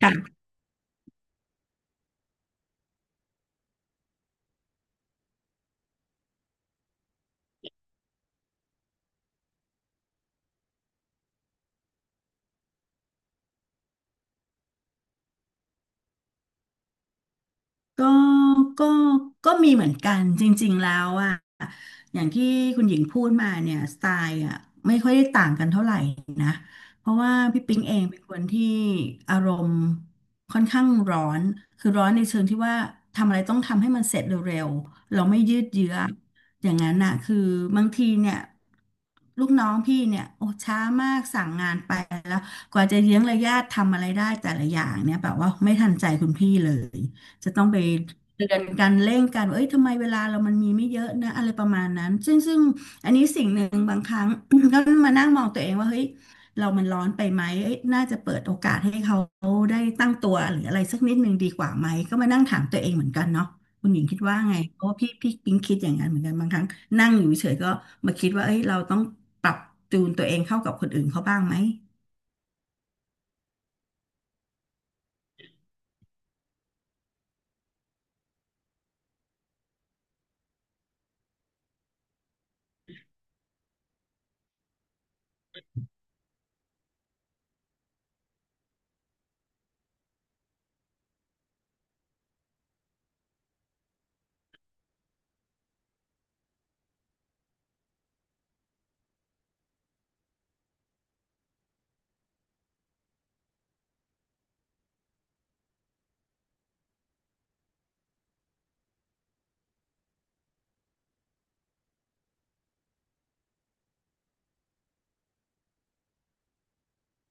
ค่ะก็ก็ก็มีเหมือนกันจริงๆ แล้วอะอย่างที่คุณหญิงพูดมาเนี่ยสไตล์อะไม่ค่อยได้ต่างกันเท่าไหร่นะเพราะว่าพี่ปิ๊งเองเป็นคนที่อารมณ์ค่อนข้างร้อน คือร้อนในเชิงที่ว่าทำอะไรต้องทำให้มันเสร็จเร็วๆเราไม่ยืดเยื้ออย่างนั้นน่ะคือบางทีเนี่ยลูกน้องพี่เนี่ยโอ้ช้ามากสั่งงานไปแล้วกว่าจะเยื้องระยะทำอะไรได้แต่ละอย่างเนี่ยแบบว่าไม่ทันใจคุณพี่เลย จะต้องไปเตือนกันเร่งกันว่าเอ้ยทำไมเวลาเรามันมีไม่เยอะนะอะไรประมาณนั้นซึ่งอันนี้สิ่งหนึ่งบางครั้ง ก็มานั่งมองตัวเองว่าเฮ้ยเรามันร้อนไปไหมเอ้ยน่าจะเปิดโอกาสให้เขาได้ตั้งตัวหรืออะไรสักนิดหนึ่งดีกว่าไหมก็มานั่งถามตัวเองเหมือนกันเนาะคุณหญิงคิดว่าไงเพราะว่าพี่ปิ๊งคิดอย่างนั้นเหมือนกันบางครั้งนั่งอยู่เฉยๆก็มาคิดว่าเอ้ยเราต้องปรับจูนตัวเองเข้ากับคนอื่นเขาบ้างไหม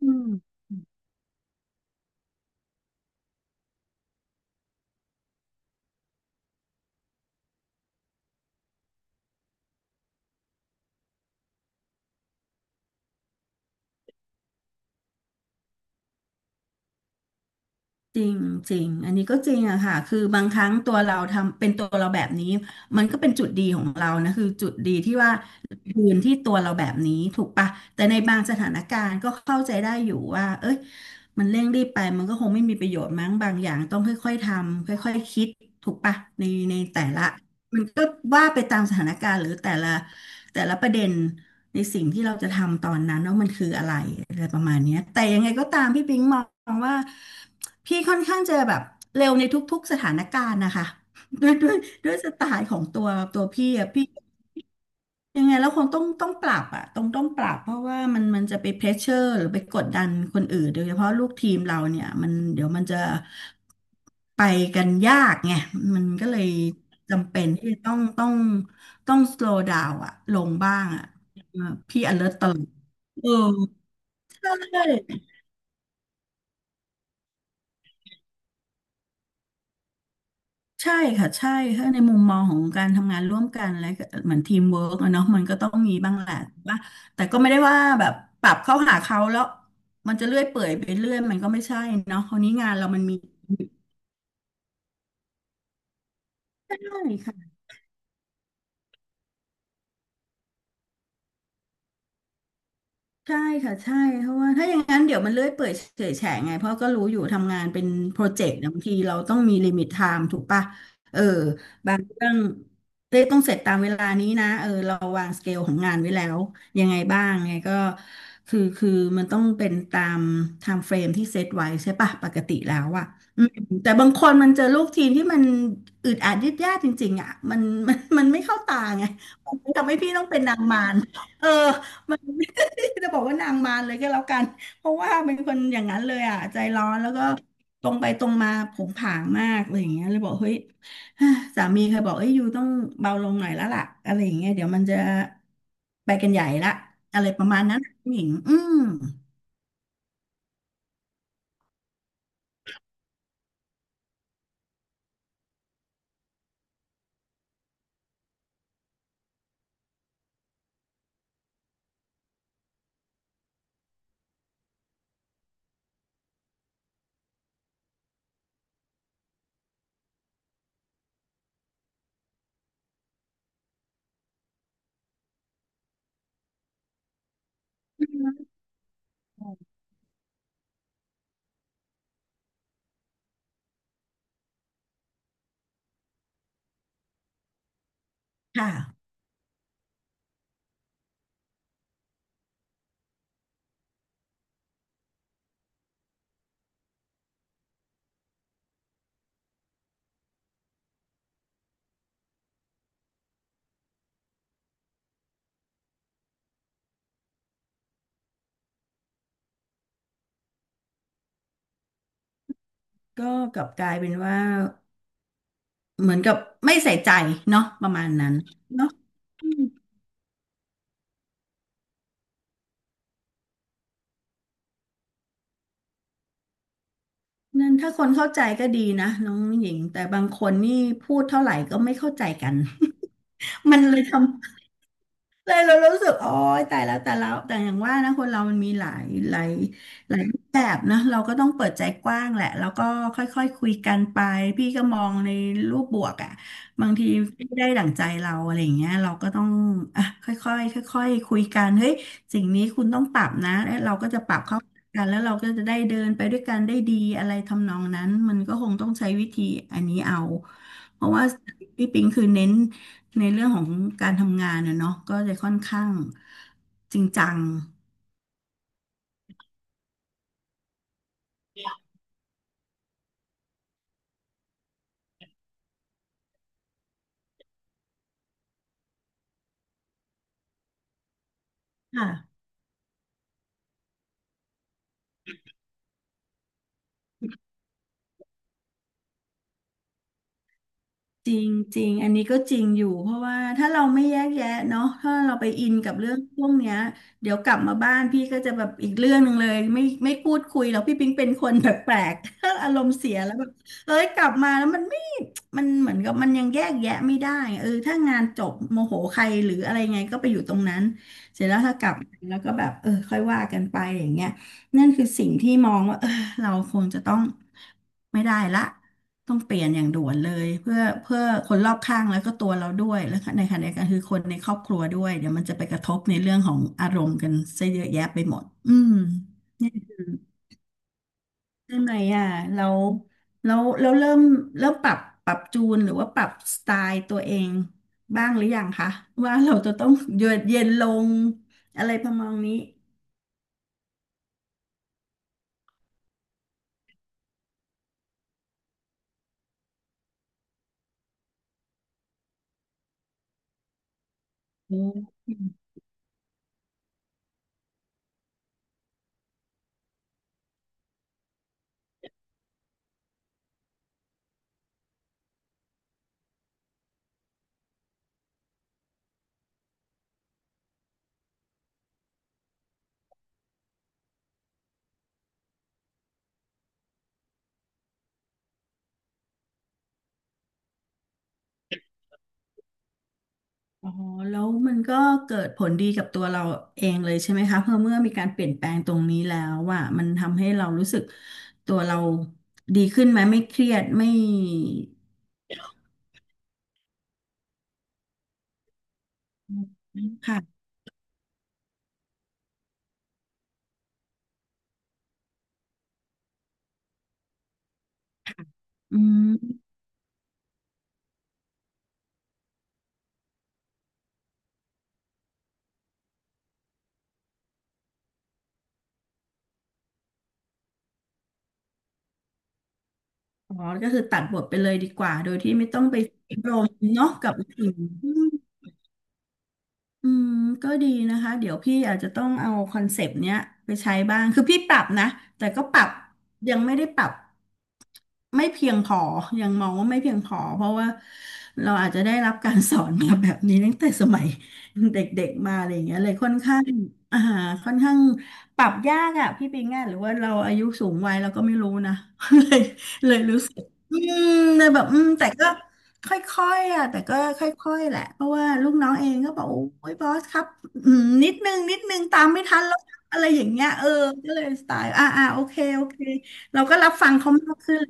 อืม จริงจริงอันนี้ก็จริงอะค่ะคือบางครั้งตัวเราทำเป็นตัวเราแบบนี้มันก็เป็นจุดดีของเรานะคือจุดดีที่ว่ายืนที่ตัวเราแบบนี้ถูกปะแต่ในบางสถานการณ์ก็เข้าใจได้อยู่ว่าเอ้ยมันเร่งรีบไปมันก็คงไม่มีประโยชน์มั้งบางอย่างต้องค่อยๆทำค่อยๆคิดถูกปะในแต่ละมันก็ว่าไปตามสถานการณ์หรือแต่ละแต่ละประเด็น ในสิ่งที่เราจะทำตอนนั้นว่ามันคืออะไรอะไรประมาณเนี้ยแต่ยังไงก็ตามพี่ปิงมองว่าพี่ค่อนข้างจะแบบเร็วในทุกๆสถานการณ์นะคะด้วยด้วยด้วยสไตล์ของตัวพี่อะพี่ ยังไงแล้วคงต้องปรับอะต้องปรับเพราะว่ามันจะไปเพรสเชอร์หรือไปกดดันคนอื่นโดยเฉพาะลูกทีมเราเนี่ยมันเดี๋ยวมันจะไปกันยากไงมันก็เลยจำเป็นที่ต้อง slow down อะลงบ้างอะเอ่อพี่ alert ตลอดเออใช่ ใช่ค่ะใช่ถ้าในมุมมองของการทำงานร่วมกันและเหมือนทีมเวิร์กอะเนาะมันก็ต้องมีบ้างแหละว่าแต่ก็ไม่ได้ว่าแบบปรับเข้าหาเขาแล้วมันจะเลื่อยเปื่อยไปเรื่อยมันก็ไม่ใช่เนาะคราวนี้งานเรามันมีใช่ ใช่ค่ะใช่เพราะว่าถ้าอย่างนั้นเดี๋ยวมันเลื่อยเปื่อยเฉอยแฉะไงเพราะก็รู้อยู่ทำงานเป็นโปรเจกต์นะบางทีเราต้องมีลิมิตไทม์ถูกปะเออบางเรื่องเต้ต้องเสร็จตามเวลานี้นะเออเราวางสเกลของงานไว้แล้วยังไงบ้างไงก็คือมันต้องเป็นตามไทม์เฟรมที่เซตไว้ใช่ปะปกติแล้วอะอืมแต่บางคนมันเจอลูกทีมที่มันอึดอัดยืดยาดจริงๆอะมันไม่เข้าตาไงมันทำให้พี่ต้องเป็นนางมารเออ มัน จะบอกว่านางมารเลยก็แล้วกันเพราะว่าเป็นคนอย่างนั้นเลยอ่ะใจร้อนแล้วก็ตรงไปตรงมาผงผางมากอะไรอย่างเงี้ยเลยบอกเฮ้ย สามีเคยบอกเอ้ยยูต้องเบาลงหน่อยแล้วล่ะอะไรอย่างเงี้ยเดี๋ยวมันจะไปกันใหญ่ละอะไรประมาณนั้นผู้หญิงอืมค่ะก็กลับกลายเป็นว่าเหมือนกับไม่ใส่ใจเนาะประมาณนั้นเนาะอืมนั่นถ้าคนเข้าใจก็ดีนะน้องหญิงแต่บางคนนี่พูดเท่าไหร่ก็ไม่เข้าใจกัน มันเลยทำ เลยเรารู้สึกโอ้ยแต่แล้วแต่แล้วแต่อย่างว่านะคนเรามันมีหลายหลายรูปแบบนะเราก็ต้องเปิดใจกว้างแหละแล้วก็ค่อยๆคคุยกันไปพี่ก็มองในรูปบวกอ่ะบางทีไม่ได้ดั่งใจเราอะไรอย่างเงี้ยเราก็ต้องอ่ะค่อยๆค่อยๆคุยกันเฮ้ยสิ่งนี้คุณต้องปรับนะแล้วเราก็จะปรับเข้ากันแล้วเราก็จะได้เดินไปด้วยกันได้ดีอะไรทำนองนั้นมันก็คงต้องใช้วิธีอันนี้เอา เพราะว่าพี่ปิงคือเน้นในเรื่องของการทำงานนะเนาะก็จะค่อนข้างจริงจังค่ะ จริงจริงอันนี้ก็จริงอยู่เพราะว่าถ้าเราไม่แยกแยะเนาะถ้าเราไปอินกับเรื่องพวกเนี้ยเดี๋ยวกลับมาบ้านพี่ก็จะแบบอีกเรื่องหนึ่งเลยไม่พูดคุยแล้วพี่ปิ๊งเป็นคน แปลกๆ ถ้าอารมณ์เสียแล้วแบบเอ้ยกลับมาแล้วมันเหมือนกับมันยังแยกแยะไม่ได้เออถ้างานจบโมโหใครหรืออะไรไงก็ไปอยู่ตรงนั้นเสร็จแล้วถ้ากลับมาแล้วก็แบบเออค่อยว่ากันไปอย่างเงี้ยนั่นคือสิ่งที่มองว่าเออ เราคงจะต้องไม่ได้ละต้องเปลี่ยนอย่างด่วนเลยเพื่อคนรอบข้างแล้วก็ตัวเราด้วยแล้วก็ในขณะเดียวกันคือคนในครอบครัวด้วยเดี๋ยวมันจะไปกระทบในเรื่องของอารมณ์กันซะเยอะแยะไปหมดอืมเนี่ยคือเรื่องไหนอ่ะเราเราเราเริ่มเริ่มปรับปรับจูนหรือว่าปรับสไตล์ตัวเองบ้างหรือยังคะว่าเราจะต้องเยือกเย็นลงอะไรประมาณนี้ อ๋อแล้วมันก็เกิดผลดีกับตัวเราเองเลยใช่ไหมคะเพราะเมื่อมีการเปลี่ยนแปลงตรงนี้แล้วว่ามันทำให้เรารู้สึกตัวเราดีขึ้นไหมไม่เครียดไม่ค่ะอืมอ๋อก็คือตัดบทไปเลยดีกว่าโดยที่ไม่ต้องไปรมเนาะกับสิ่ง อืมก็ดีนะคะเดี๋ยวพี่อาจจะต้องเอาคอนเซปต์เนี้ยไปใช้บ้างคือพี่ปรับนะแต่ก็ปรับยังไม่ได้ปรับไม่เพียงพอยังมองว่าไม่เพียงพอเพราะว่าเราอาจจะได้รับการสอนมาแบบนี้ตั้งแต่สมัย เด็กๆมาอะไรอย่างเงี้ยเลยค่อนข้างอ่าค่อนข้างปรับยากอ่ะพี่ปิงอ่ะหรือว่าเราอายุสูงวัยเราก็ไม่รู้นะ เลยเลยรู้สึกอืมเลยแบบอืมแต่ก็ ค่อยๆอ่ะแต่ก็ค่อยๆแหละเพราะว่าลูกน้องเองก็บอกโอ้ยบอสครับอืมนิดนึงตามไม่ทันแล้วครับอะไรอย่างเงี้ยเออก็เลยสไตล์โอเคเราก็รับฟังเขามากขึ้น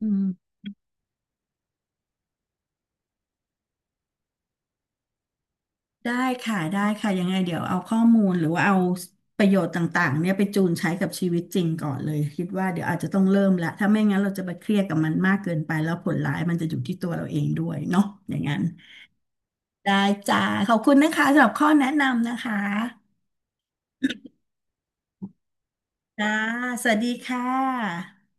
อืมได้ค่ะได้ค่ะยังไงเดี๋ยวเอาข้อมูลหรือว่าเอาประโยชน์ต่างๆเนี่ยไปจูนใช้กับชีวิตจริงก่อนเลยคิดว่าเดี๋ยวอาจจะต้องเริ่มละถ้าไม่งั้นเราจะไปเครียดกับมันมากเกินไปแล้วผลร้ายมันจะอยู่ที่ตัวเราเองด้วยเนาะอย่างนั้นได้จ้าขอบคุณนะคะสำหรับข้อแนะนำนะคะ จ้า สวัสดีค่ะ